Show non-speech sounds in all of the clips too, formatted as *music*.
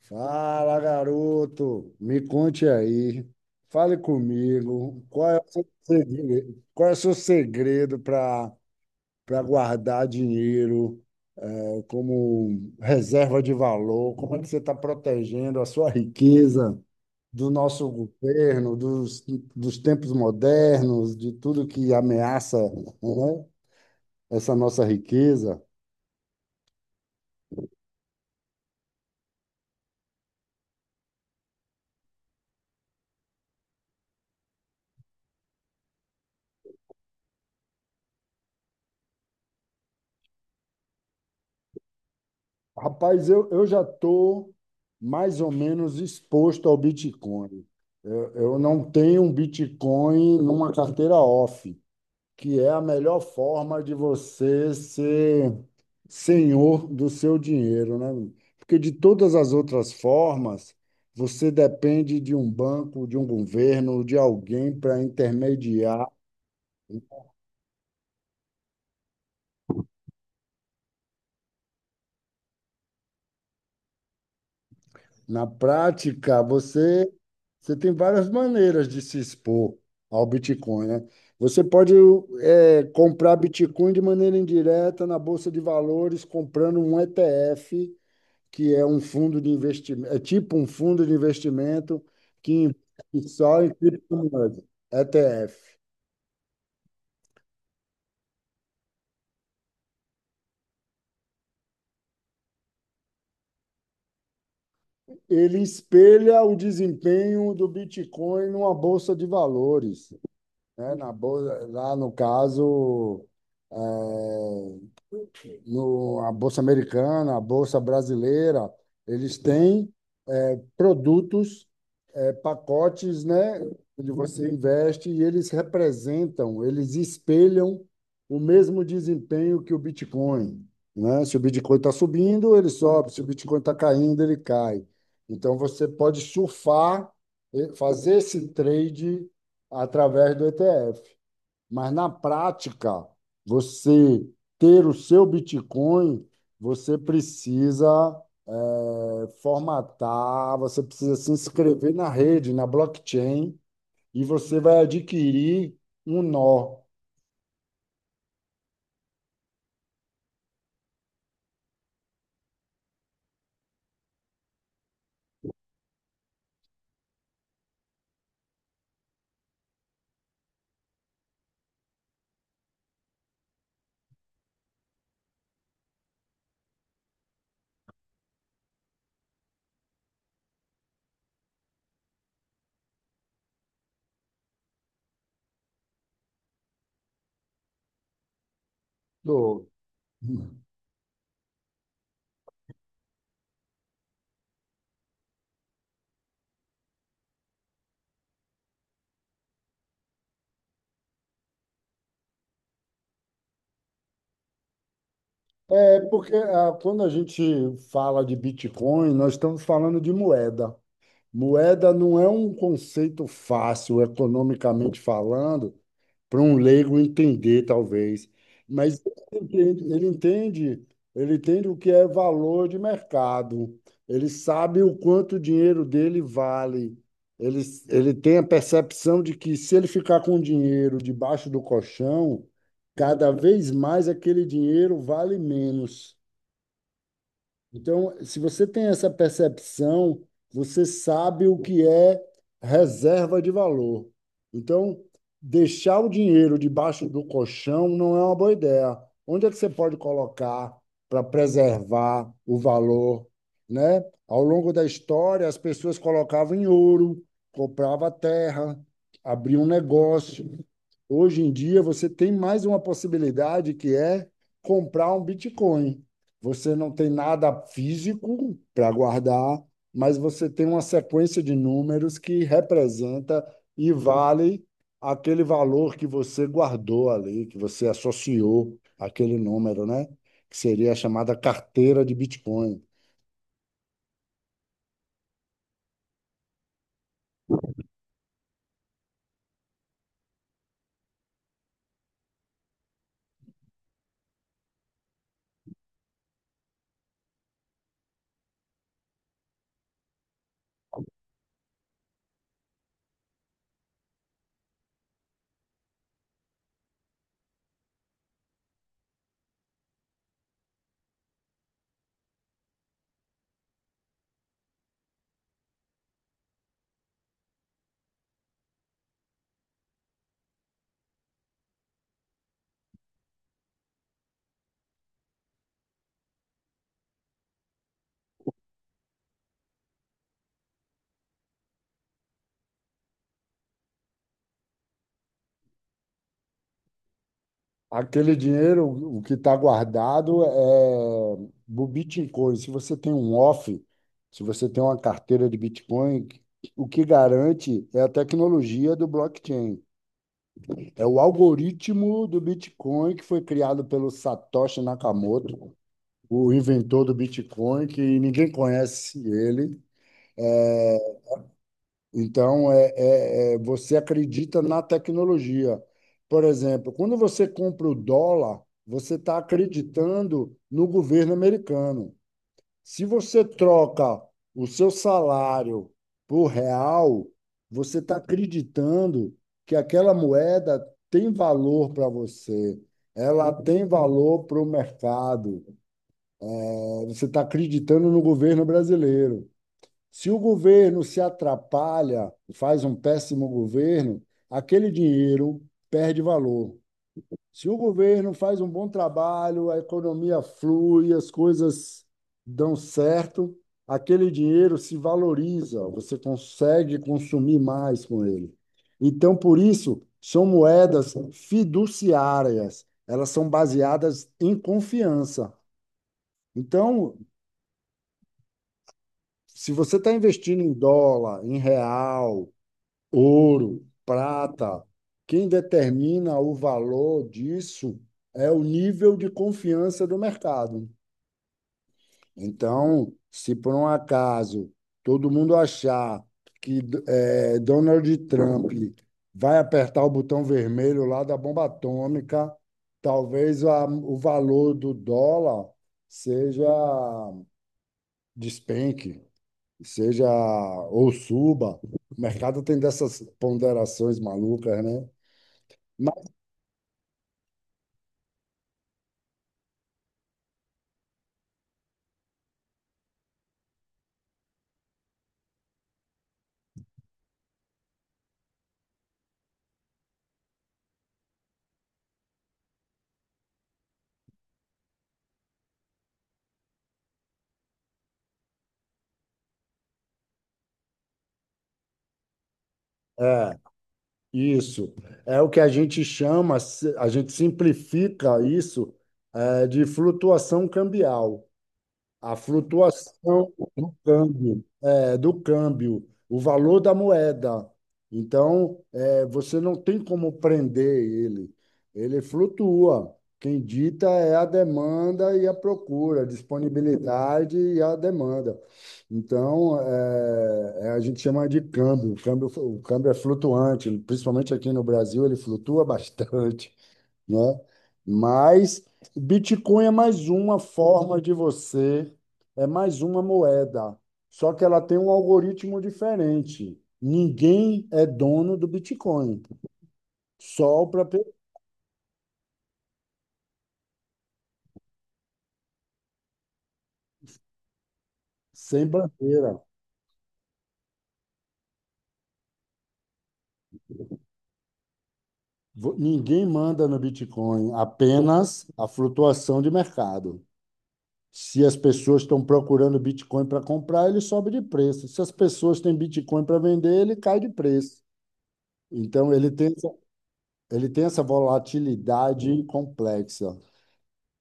Fala, garoto. Me conte aí. Fale comigo. Qual é o seu segredo, qual é o seu segredo para guardar dinheiro, como reserva de valor? Como é que você está protegendo a sua riqueza do nosso governo, dos tempos modernos, de tudo que ameaça, né, essa nossa riqueza? Rapaz, eu já estou mais ou menos exposto ao Bitcoin. Eu não tenho um Bitcoin numa carteira off, que é a melhor forma de você ser senhor do seu dinheiro, né? Porque de todas as outras formas, você depende de um banco, de um governo, de alguém para intermediar. Na prática, você tem várias maneiras de se expor ao Bitcoin, né? Você pode comprar Bitcoin de maneira indireta na Bolsa de Valores, comprando um ETF, que é um fundo de investimento, é tipo um fundo de investimento que investe só em criptomoedas. ETF. Ele espelha o desempenho do Bitcoin numa Bolsa de Valores, né? Na bolsa, lá no caso. Eh, no, A Bolsa Americana, a Bolsa Brasileira, eles têm produtos, é, pacotes, né, onde você investe e eles representam, eles espelham o mesmo desempenho que o Bitcoin. Né? Se o Bitcoin está subindo, ele sobe, se o Bitcoin está caindo, ele cai. Então você pode surfar, fazer esse trade através do ETF. Mas na prática, você ter o seu Bitcoin, você precisa formatar, você precisa se inscrever na rede, na blockchain, e você vai adquirir um nó do. É porque quando a gente fala de Bitcoin, nós estamos falando de moeda. Moeda não é um conceito fácil, economicamente falando, para um leigo entender, talvez. Mas ele entende o que é valor de mercado. Ele sabe o quanto o dinheiro dele vale. Ele, Ele tem a percepção de que se ele ficar com o dinheiro debaixo do colchão, cada vez mais aquele dinheiro vale menos. Então, se você tem essa percepção, você sabe o que é reserva de valor. Então, deixar o dinheiro debaixo do colchão não é uma boa ideia. Onde é que você pode colocar para preservar o valor, né? Ao longo da história, as pessoas colocavam em ouro, compravam terra, abriam um negócio. Hoje em dia, você tem mais uma possibilidade que é comprar um Bitcoin. Você não tem nada físico para guardar, mas você tem uma sequência de números que representa e vale aquele valor que você guardou ali, que você associou aquele número, né? Que seria a chamada carteira de Bitcoin. Aquele dinheiro, o que está guardado é o Bitcoin. Se você tem um off, se você tem uma carteira de Bitcoin, o que garante é a tecnologia do blockchain. É o algoritmo do Bitcoin que foi criado pelo Satoshi Nakamoto, o inventor do Bitcoin, que ninguém conhece ele. É, então, você acredita na tecnologia. Por exemplo, quando você compra o dólar, você está acreditando no governo americano. Se você troca o seu salário por real, você está acreditando que aquela moeda tem valor para você, ela tem valor para o mercado, você está acreditando no governo brasileiro. Se o governo se atrapalha, faz um péssimo governo, aquele dinheiro perde valor. Se o governo faz um bom trabalho, a economia flui, as coisas dão certo, aquele dinheiro se valoriza, você consegue consumir mais com ele. Então, por isso, são moedas fiduciárias, elas são baseadas em confiança. Então, se você está investindo em dólar, em real, ouro, prata. Quem determina o valor disso é o nível de confiança do mercado. Então, se por um acaso todo mundo achar que Donald Trump vai apertar o botão vermelho lá da bomba atômica, talvez o valor do dólar seja despenque, seja ou suba. O mercado tem dessas ponderações malucas, né? Mas- É, isso. É o que a gente chama, a gente simplifica isso, é, de flutuação cambial. A flutuação do câmbio, é, do câmbio, o valor da moeda. Então, é, você não tem como prender ele. Ele flutua. Quem dita é a demanda e a procura, a disponibilidade e a demanda. Então, a gente chama de câmbio. O câmbio, o câmbio é flutuante, principalmente aqui no Brasil, ele flutua *laughs* bastante, né? Mas Bitcoin é mais uma forma de você, é mais uma moeda, só que ela tem um algoritmo diferente. Ninguém é dono do Bitcoin, só o próprio, sem bandeira. Ninguém manda no Bitcoin, apenas a flutuação de mercado. Se as pessoas estão procurando Bitcoin para comprar, ele sobe de preço. Se as pessoas têm Bitcoin para vender, ele cai de preço. Então, ele tem. Ele tem essa volatilidade complexa.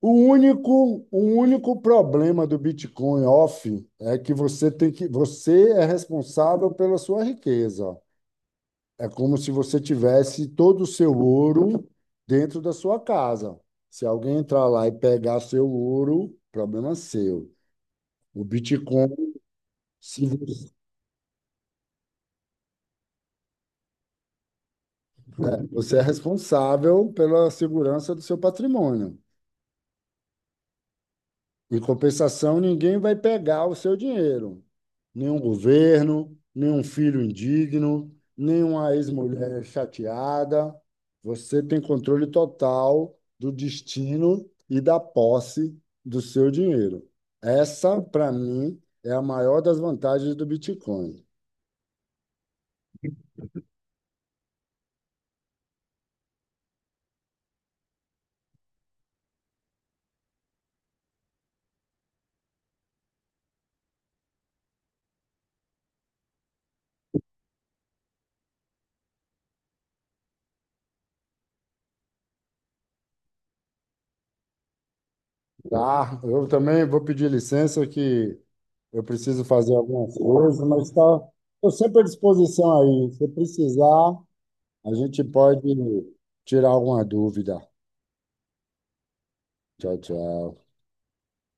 O único problema do Bitcoin off é que você é responsável pela sua riqueza. É como se você tivesse todo o seu ouro dentro da sua casa. Se alguém entrar lá e pegar seu ouro, problema seu. O Bitcoin, se você, é, você é responsável pela segurança do seu patrimônio. Em compensação, ninguém vai pegar o seu dinheiro. Nenhum governo, nenhum filho indigno, nenhuma ex-mulher chateada. Você tem controle total do destino e da posse do seu dinheiro. Essa, para mim, é a maior das vantagens do Bitcoin. Tá, eu também vou pedir licença que eu preciso fazer algumas coisas, mas tá, estou sempre à disposição aí. Se precisar, a gente pode tirar alguma dúvida. Tchau, tchau.